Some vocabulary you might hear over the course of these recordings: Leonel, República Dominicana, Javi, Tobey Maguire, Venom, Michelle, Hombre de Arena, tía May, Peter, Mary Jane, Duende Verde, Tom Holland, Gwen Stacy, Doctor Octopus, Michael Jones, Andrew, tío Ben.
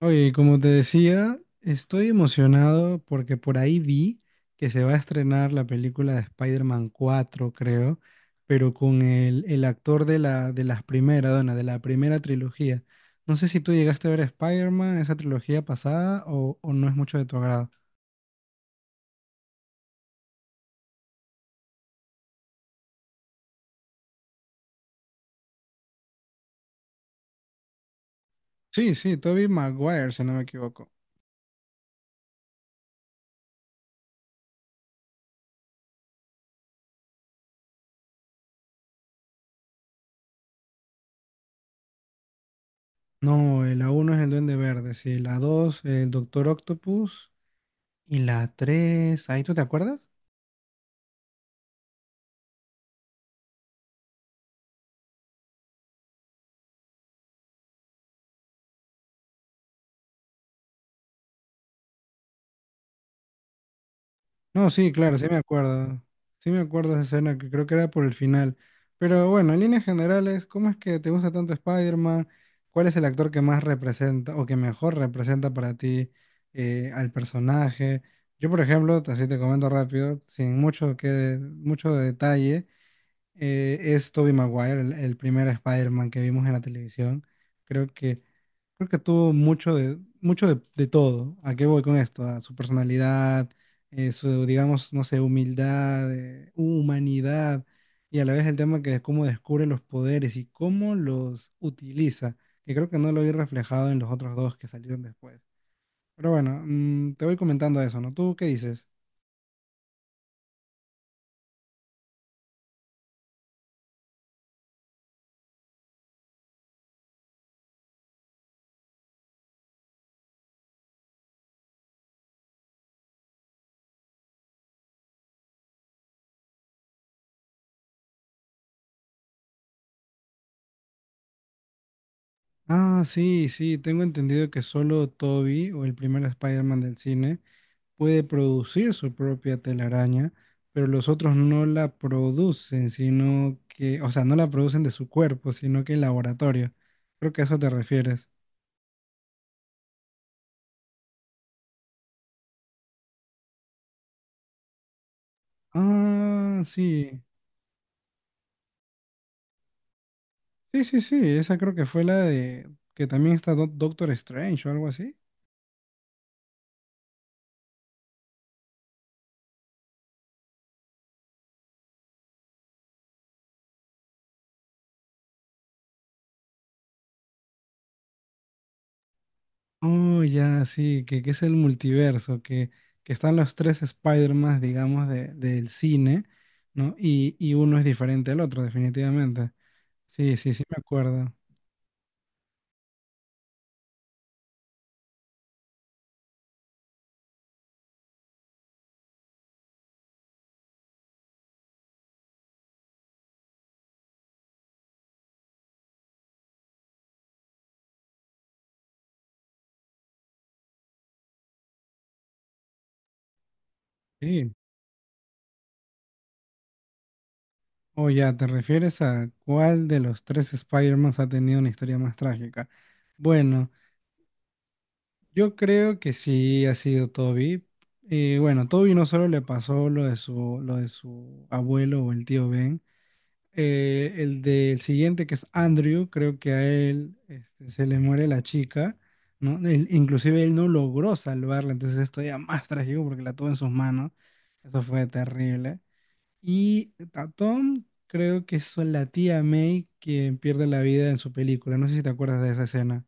Oye, como te decía, estoy emocionado porque por ahí vi que se va a estrenar la película de Spider-Man 4, creo, pero con el actor de la, de las primeras, dona, de la primera trilogía. No sé si tú llegaste a ver Spider-Man, esa trilogía pasada, o no es mucho de tu agrado. Sí, sí, Tobey Maguire, si no me equivoco. No, la uno es el Duende Verde, sí, la 2 el Doctor Octopus, y la 3, ¿ahí tú te acuerdas? No, sí, claro, sí me acuerdo. Sí me acuerdo de esa escena que creo que era por el final. Pero bueno, en líneas generales, ¿cómo es que te gusta tanto Spider-Man? ¿Cuál es el actor que más representa o que mejor representa para ti al personaje? Yo, por ejemplo, así te comento rápido, sin mucho que mucho detalle, es Tobey Maguire, el primer Spider-Man que vimos en la televisión. Creo que, creo que tuvo mucho de todo. ¿A qué voy con esto? A su personalidad, su, digamos, no sé, humildad, humanidad, y a la vez el tema que es cómo descubre los poderes y cómo los utiliza, que creo que no lo vi reflejado en los otros dos que salieron después. Pero bueno, te voy comentando eso, ¿no? ¿Tú qué dices? Ah, sí, sí, tengo entendido que solo Toby o el primer Spider-Man del cine puede producir su propia telaraña, pero los otros no la producen, sino que, o sea, no la producen de su cuerpo, sino que en laboratorio. Creo que a eso te refieres. Ah, sí. Sí, sí, sí, esa creo que fue la de que también está Doctor Strange o algo así. Oh, ya, sí, que es el multiverso, que están los tres Spider-Man, digamos, de, del cine, ¿no? Y uno es diferente al otro, definitivamente. Sí, sí, sí, me acuerdo. Sí. Oh, ya, ¿te refieres a cuál de los tres Spider-Man ha tenido una historia más trágica? Bueno, yo creo que sí ha sido Toby. Y bueno, Toby no solo le pasó lo de su abuelo o el tío Ben. El del siguiente, que es Andrew, creo que a él se le muere la chica, ¿no? Inclusive él no logró salvarla, entonces esto ya más trágico porque la tuvo en sus manos. Eso fue terrible. Y a Tom, creo que es la tía May quien pierde la vida en su película. No sé si te acuerdas de esa escena.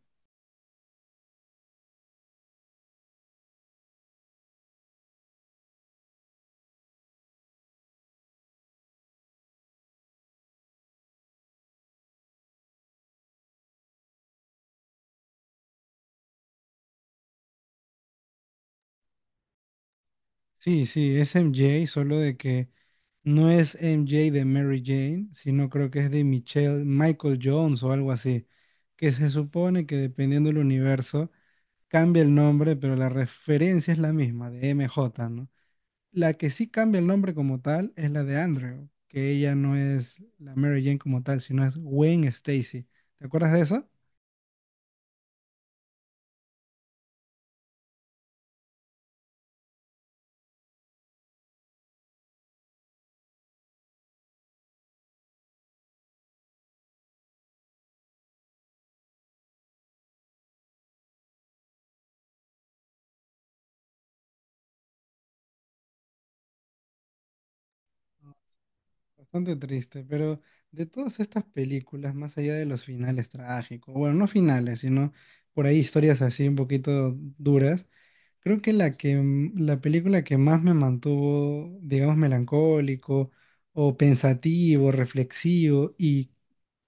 Sí, sí, es MJ, solo de que no es MJ de Mary Jane, sino creo que es de Michelle, Michael Jones o algo así, que se supone que dependiendo del universo cambia el nombre, pero la referencia es la misma, de MJ, ¿no? La que sí cambia el nombre como tal es la de Andrew, que ella no es la Mary Jane como tal, sino es Gwen Stacy. ¿Te acuerdas de eso? Bastante triste, pero de todas estas películas, más allá de los finales trágicos, bueno, no finales, sino por ahí historias así un poquito duras, creo que la película que más me mantuvo, digamos, melancólico o pensativo, reflexivo y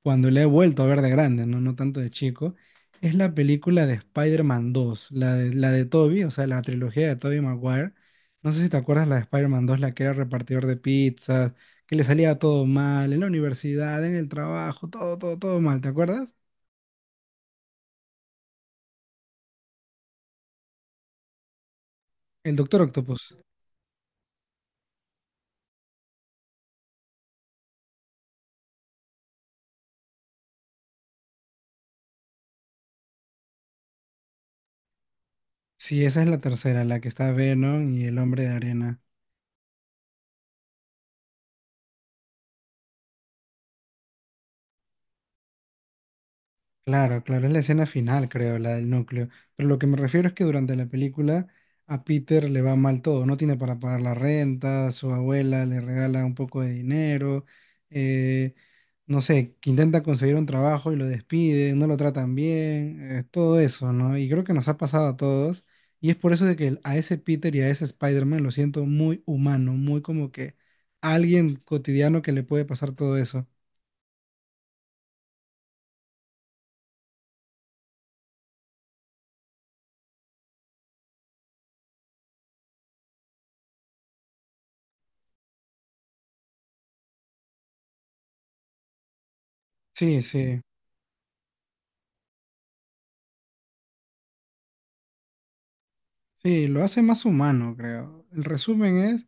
cuando la he vuelto a ver de grande, no, no tanto de chico, es la película de Spider-Man 2, la de Tobey, o sea, la trilogía de Tobey Maguire. No sé si te acuerdas la de Spider-Man 2, la que era repartidor de pizzas, que le salía todo mal en la universidad, en el trabajo, todo mal, ¿te acuerdas? El Doctor Octopus. Sí, esa es la tercera, la que está Venom y el Hombre de Arena. Claro, claro, es la escena final, creo, la del núcleo. Pero lo que me refiero es que durante la película a Peter le va mal todo, no tiene para pagar la renta, su abuela le regala un poco de dinero. eh, no sé, que intenta conseguir un trabajo y lo despiden, no lo tratan bien, todo eso, ¿no? Y creo que nos ha pasado a todos. Y es por eso de que a ese Peter y a ese Spider-Man lo siento muy humano, muy como que alguien cotidiano que le puede pasar todo eso. Sí, sí. Sí, lo hace más humano, creo. El resumen es,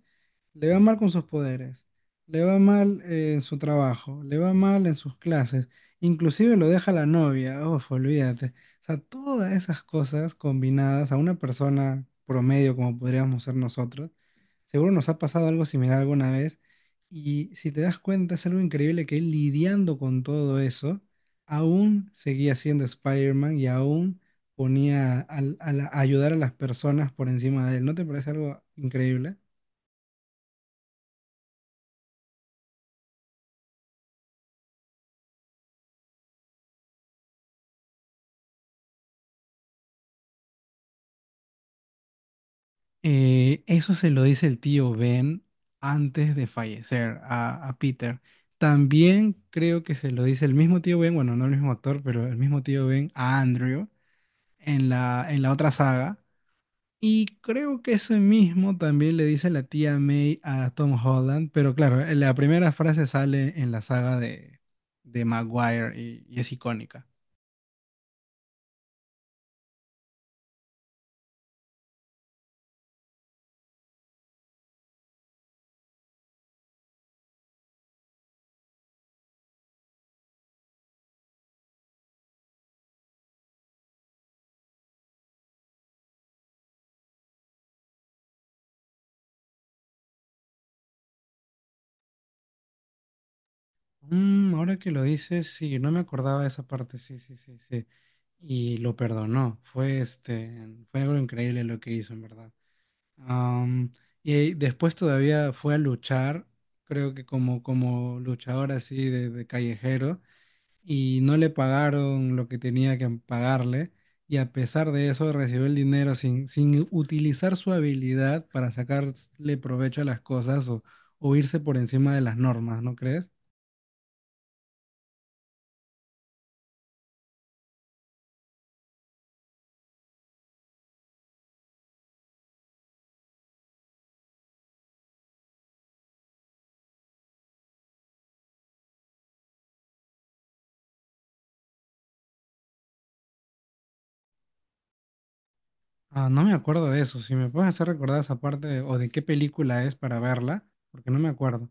le va mal con sus poderes, le va mal en su trabajo, le va mal en sus clases, inclusive lo deja la novia, uf, olvídate. O sea, todas esas cosas combinadas a una persona promedio como podríamos ser nosotros, seguro nos ha pasado algo similar alguna vez y si te das cuenta es algo increíble que él lidiando con todo eso, aún seguía siendo Spider-Man y aún ponía a ayudar a las personas por encima de él. ¿No te parece algo increíble? Eso se lo dice el tío Ben antes de fallecer a Peter. También creo que se lo dice el mismo tío Ben, bueno, no el mismo actor, pero el mismo tío Ben a Andrew en en la otra saga. Y creo que ese mismo también le dice la tía May a Tom Holland, pero claro, la primera frase sale en la saga de Maguire y es icónica. Mm, ahora que lo dices, sí, no me acordaba de esa parte, sí, sí, sí, sí. Y lo perdonó. Fue algo increíble lo que hizo, en verdad. Am, y después todavía fue a luchar, creo que como luchador así de callejero, y no le pagaron lo que tenía que pagarle, y a pesar de eso recibió el dinero sin utilizar su habilidad para sacarle provecho a las cosas o irse por encima de las normas, ¿no crees? Ah, no me acuerdo de eso. Si me puedes hacer recordar esa parte o de qué película es para verla, porque no me acuerdo.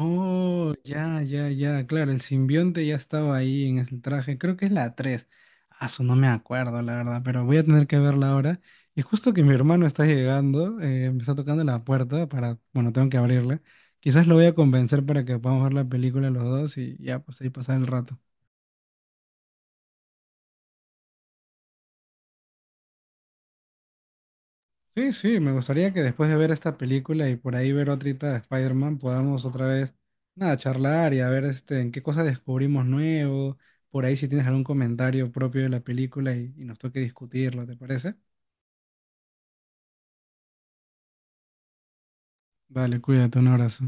Oh, ya, ya, ya. Claro, el simbionte ya estaba ahí en ese traje. Creo que es la 3. Ah, su no me acuerdo, la verdad, pero voy a tener que verla ahora. Y justo que mi hermano está llegando, me está tocando la puerta para, bueno, tengo que abrirla. Quizás lo voy a convencer para que podamos ver la película los dos y ya, pues ahí pasar el rato. Sí, sí, me gustaría que después de ver esta película y por ahí ver otrita de Spider-Man podamos otra vez, nada, charlar y a ver este, en qué cosas descubrimos nuevo, por ahí si tienes algún comentario propio de la película y nos toque discutirlo, ¿te parece? Dale, cuídate, un abrazo.